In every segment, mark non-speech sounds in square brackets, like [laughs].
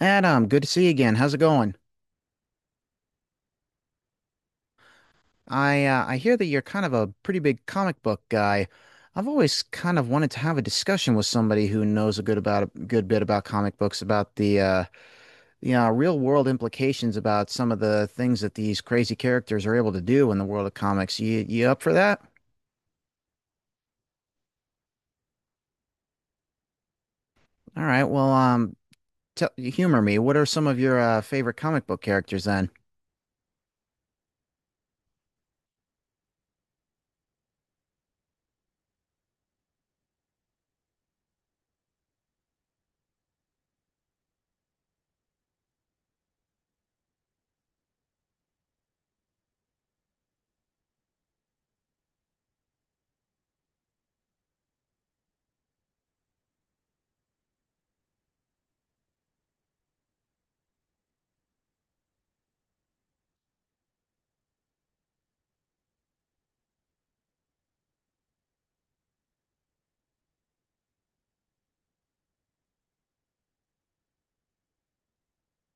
Adam, good to see you again. How's it going? I hear that you're kind of a pretty big comic book guy. I've always kind of wanted to have a discussion with somebody who knows a good about a good bit about comic books, about the real world implications about some of the things that these crazy characters are able to do in the world of comics. You up for that? All right. Tell, humor me. What are some of your favorite comic book characters then?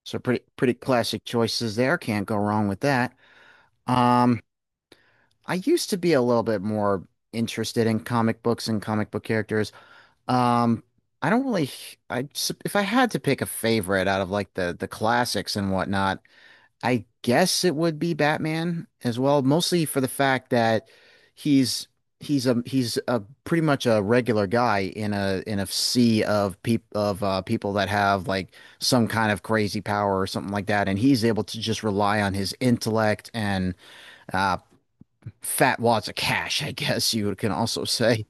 So pretty classic choices there. Can't go wrong with that. Um. I used to be a little bit more interested in comic books and comic book characters. Um, I don't really, if I had to pick a favorite out of like the classics and whatnot, I guess it would be Batman as well, mostly for the fact that he's he's a pretty much a regular guy in a sea of people that have like some kind of crazy power or something like that, and he's able to just rely on his intellect and uh, fat wads of cash, I guess you can also say.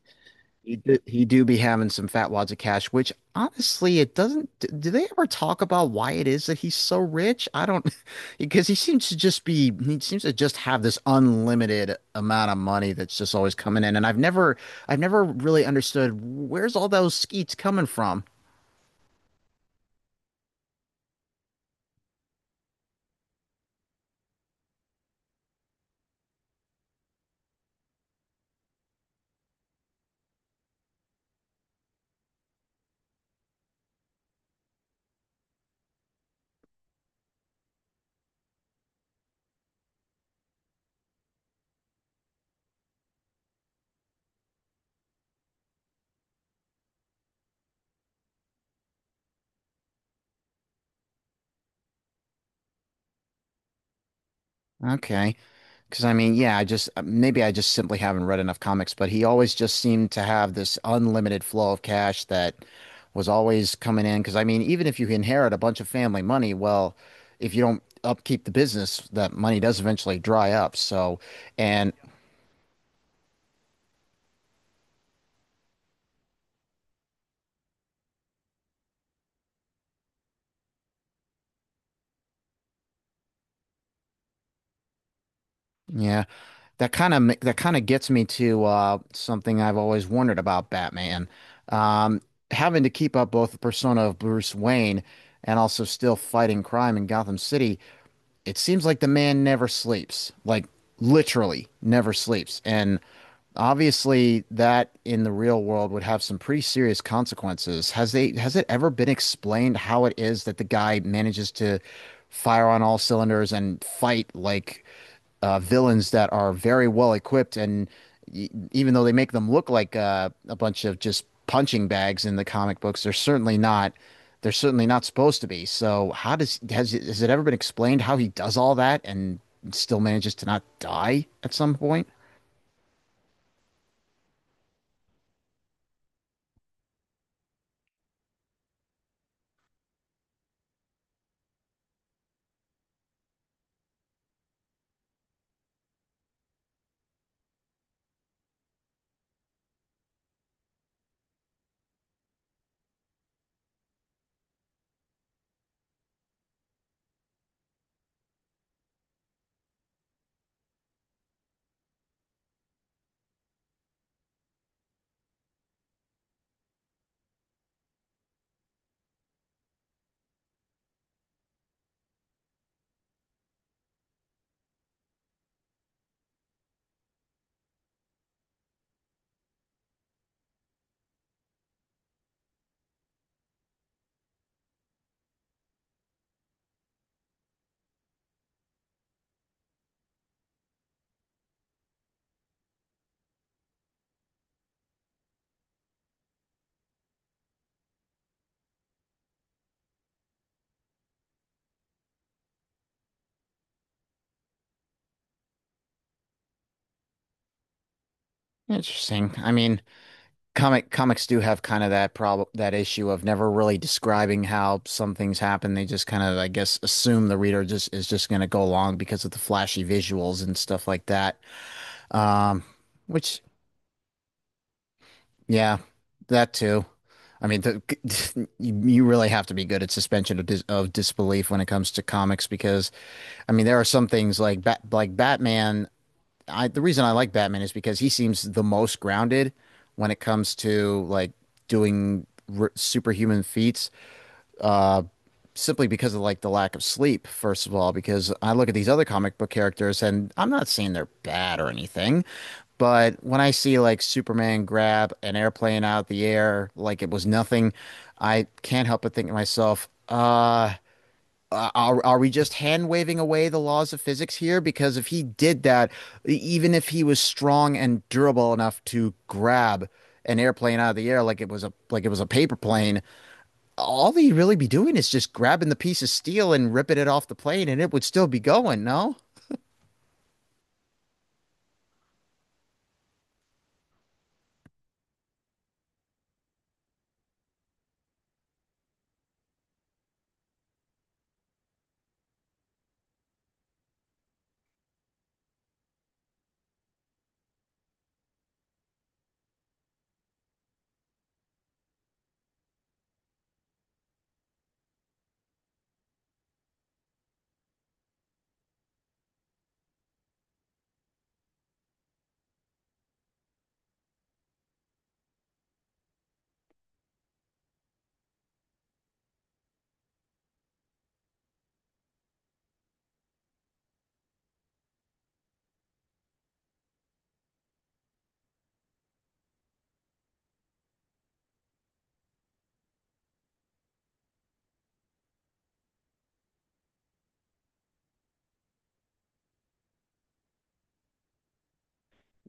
He do be having some fat wads of cash, which honestly, it doesn't. Do they ever talk about why it is that he's so rich? I don't, [laughs] because he seems to just be, he seems to just have this unlimited amount of money that's just always coming in. And I've never really understood where's all those skeets coming from. Okay. Because I mean, yeah, I just maybe I just simply haven't read enough comics, but he always just seemed to have this unlimited flow of cash that was always coming in. Because I mean, even if you inherit a bunch of family money, well, if you don't upkeep the business, that money does eventually dry up. So, and yeah, that kind of gets me to something I've always wondered about Batman, um, having to keep up both the persona of Bruce Wayne and also still fighting crime in Gotham City. It seems like the man never sleeps, like literally never sleeps. And obviously that in the real world would have some pretty serious consequences. Has it ever been explained how it is that the guy manages to fire on all cylinders and fight like villains that are very well equipped, and even though they make them look like a bunch of just punching bags in the comic books, they're certainly not. They're certainly not supposed to be. So, how does has it ever been explained how he does all that and still manages to not die at some point? Interesting. I mean, comics do have kind of that problem, that issue of never really describing how some things happen. They just kind of, I guess, assume the reader just is just going to go along because of the flashy visuals and stuff like that. Um, which, yeah, that too. I mean, [laughs] you really have to be good at suspension of, disbelief when it comes to comics because, I mean, there are some things like Batman. I the reason I like Batman is because he seems the most grounded when it comes to like doing r superhuman feats. Uh, simply because of like the lack of sleep, first of all, because I look at these other comic book characters and I'm not saying they're bad or anything, but when I see like Superman grab an airplane out of the air like it was nothing, I can't help but think to myself, are we just hand waving away the laws of physics here? Because if he did that, even if he was strong and durable enough to grab an airplane out of the air like it was a paper plane, all he'd really be doing is just grabbing the piece of steel and ripping it off the plane and it would still be going, no?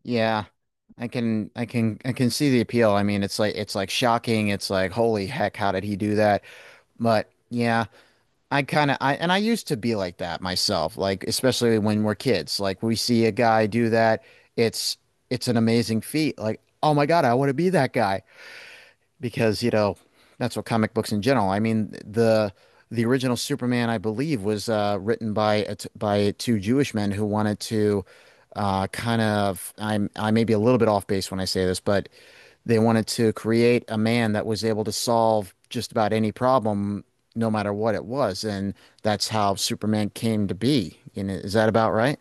Yeah. I can see the appeal. I mean, it's like shocking. It's like holy heck, how did he do that? But yeah, I kind of I and I used to be like that myself, like especially when we're kids. Like we see a guy do that, it's it's an amazing feat. Like, oh my God, I want to be that guy. Because you know that's what comic books in general. I mean the original Superman, I believe, was written by a t by two Jewish men who wanted to I may be a little bit off base when I say this, but they wanted to create a man that was able to solve just about any problem, no matter what it was, and that's how Superman came to be. You know, is that about right?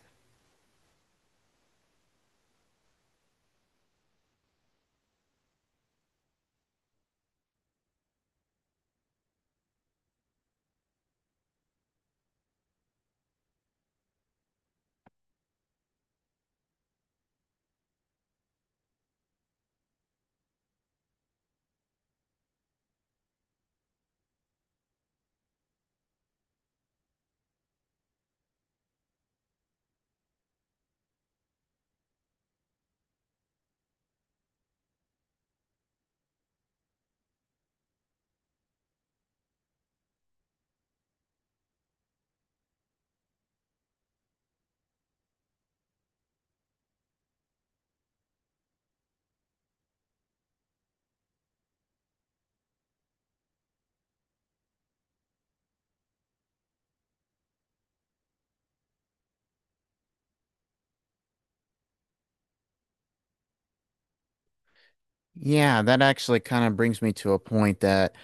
Yeah, that actually kind of brings me to a point that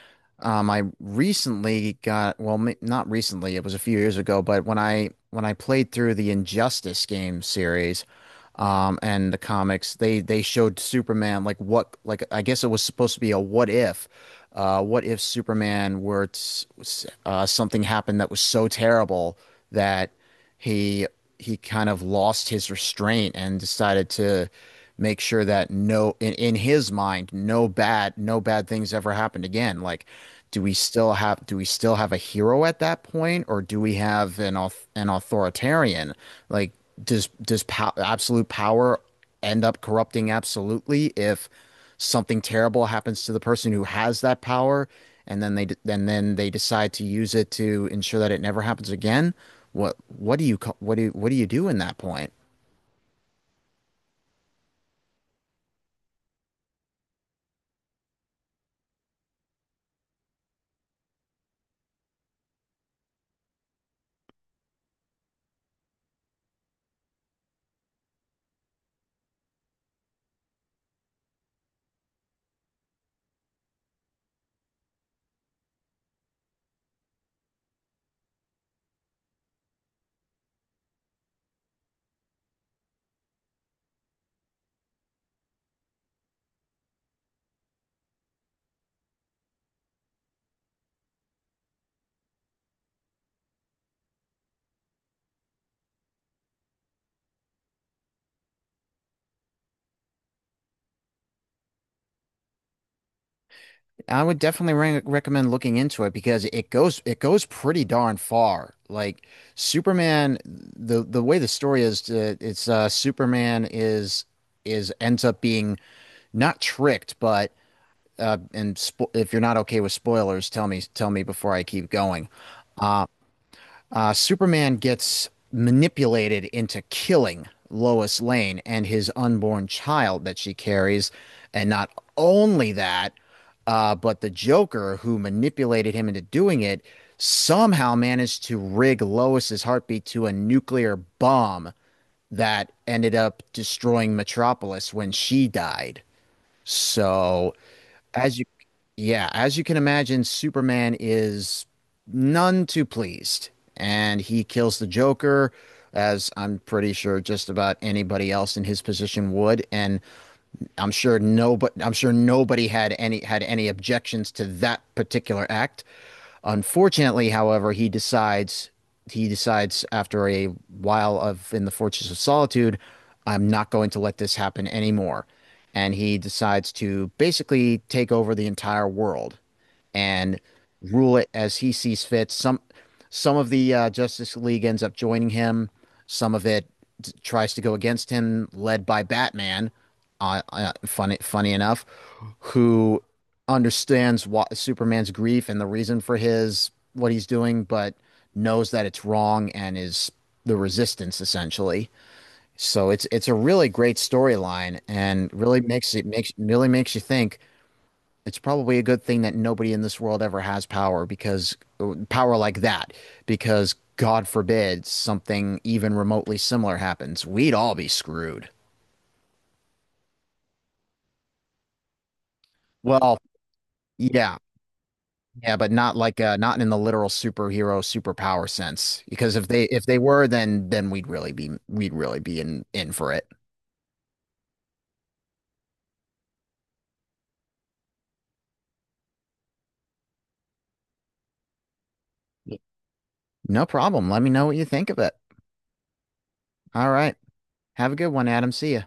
I recently got, well, m not recently, it was a few years ago, but when I played through the Injustice game series, and the comics, they showed Superman like what like I guess it was supposed to be a what if Superman were to, something happened that was so terrible that he he kind of lost his restraint and decided to make sure that no in, in his mind no bad things ever happened again. Like, do we still have a hero at that point, or do we have an an authoritarian? Like, does absolute power end up corrupting absolutely if something terrible happens to the person who has that power and then they decide to use it to ensure that it never happens again? What do you do in that point? I would definitely recommend looking into it because it goes pretty darn far. Like, Superman, the way the story is it's Superman is ends up being not tricked but if you're not okay with spoilers, tell me before I keep going. Superman gets manipulated into killing Lois Lane and his unborn child that she carries, and not only that, but the Joker who manipulated him into doing it somehow managed to rig Lois's heartbeat to a nuclear bomb that ended up destroying Metropolis when she died. So as you, yeah, as you can imagine, Superman is none too pleased, and he kills the Joker, as I'm pretty sure just about anybody else in his position would. And I'm sure no, but I'm sure nobody had any objections to that particular act. Unfortunately, however, he decides after a while of in the Fortress of Solitude, I'm not going to let this happen anymore. And he decides to basically take over the entire world and rule it as he sees fit. Some of the Justice League ends up joining him. Some of it tries to go against him, led by Batman. Funny, funny enough, who understands what Superman's grief and the reason for his what he's doing, but knows that it's wrong and is the resistance essentially. So it's a really great storyline and really makes you think it's probably a good thing that nobody in this world ever has power, because power like that, because God forbid something even remotely similar happens. We'd all be screwed. Well, yeah, yeah, but not like not in the literal superhero superpower sense. Because if they were, then we'd really be in for it. No problem. Let me know what you think of it. All right. Have a good one, Adam. See ya.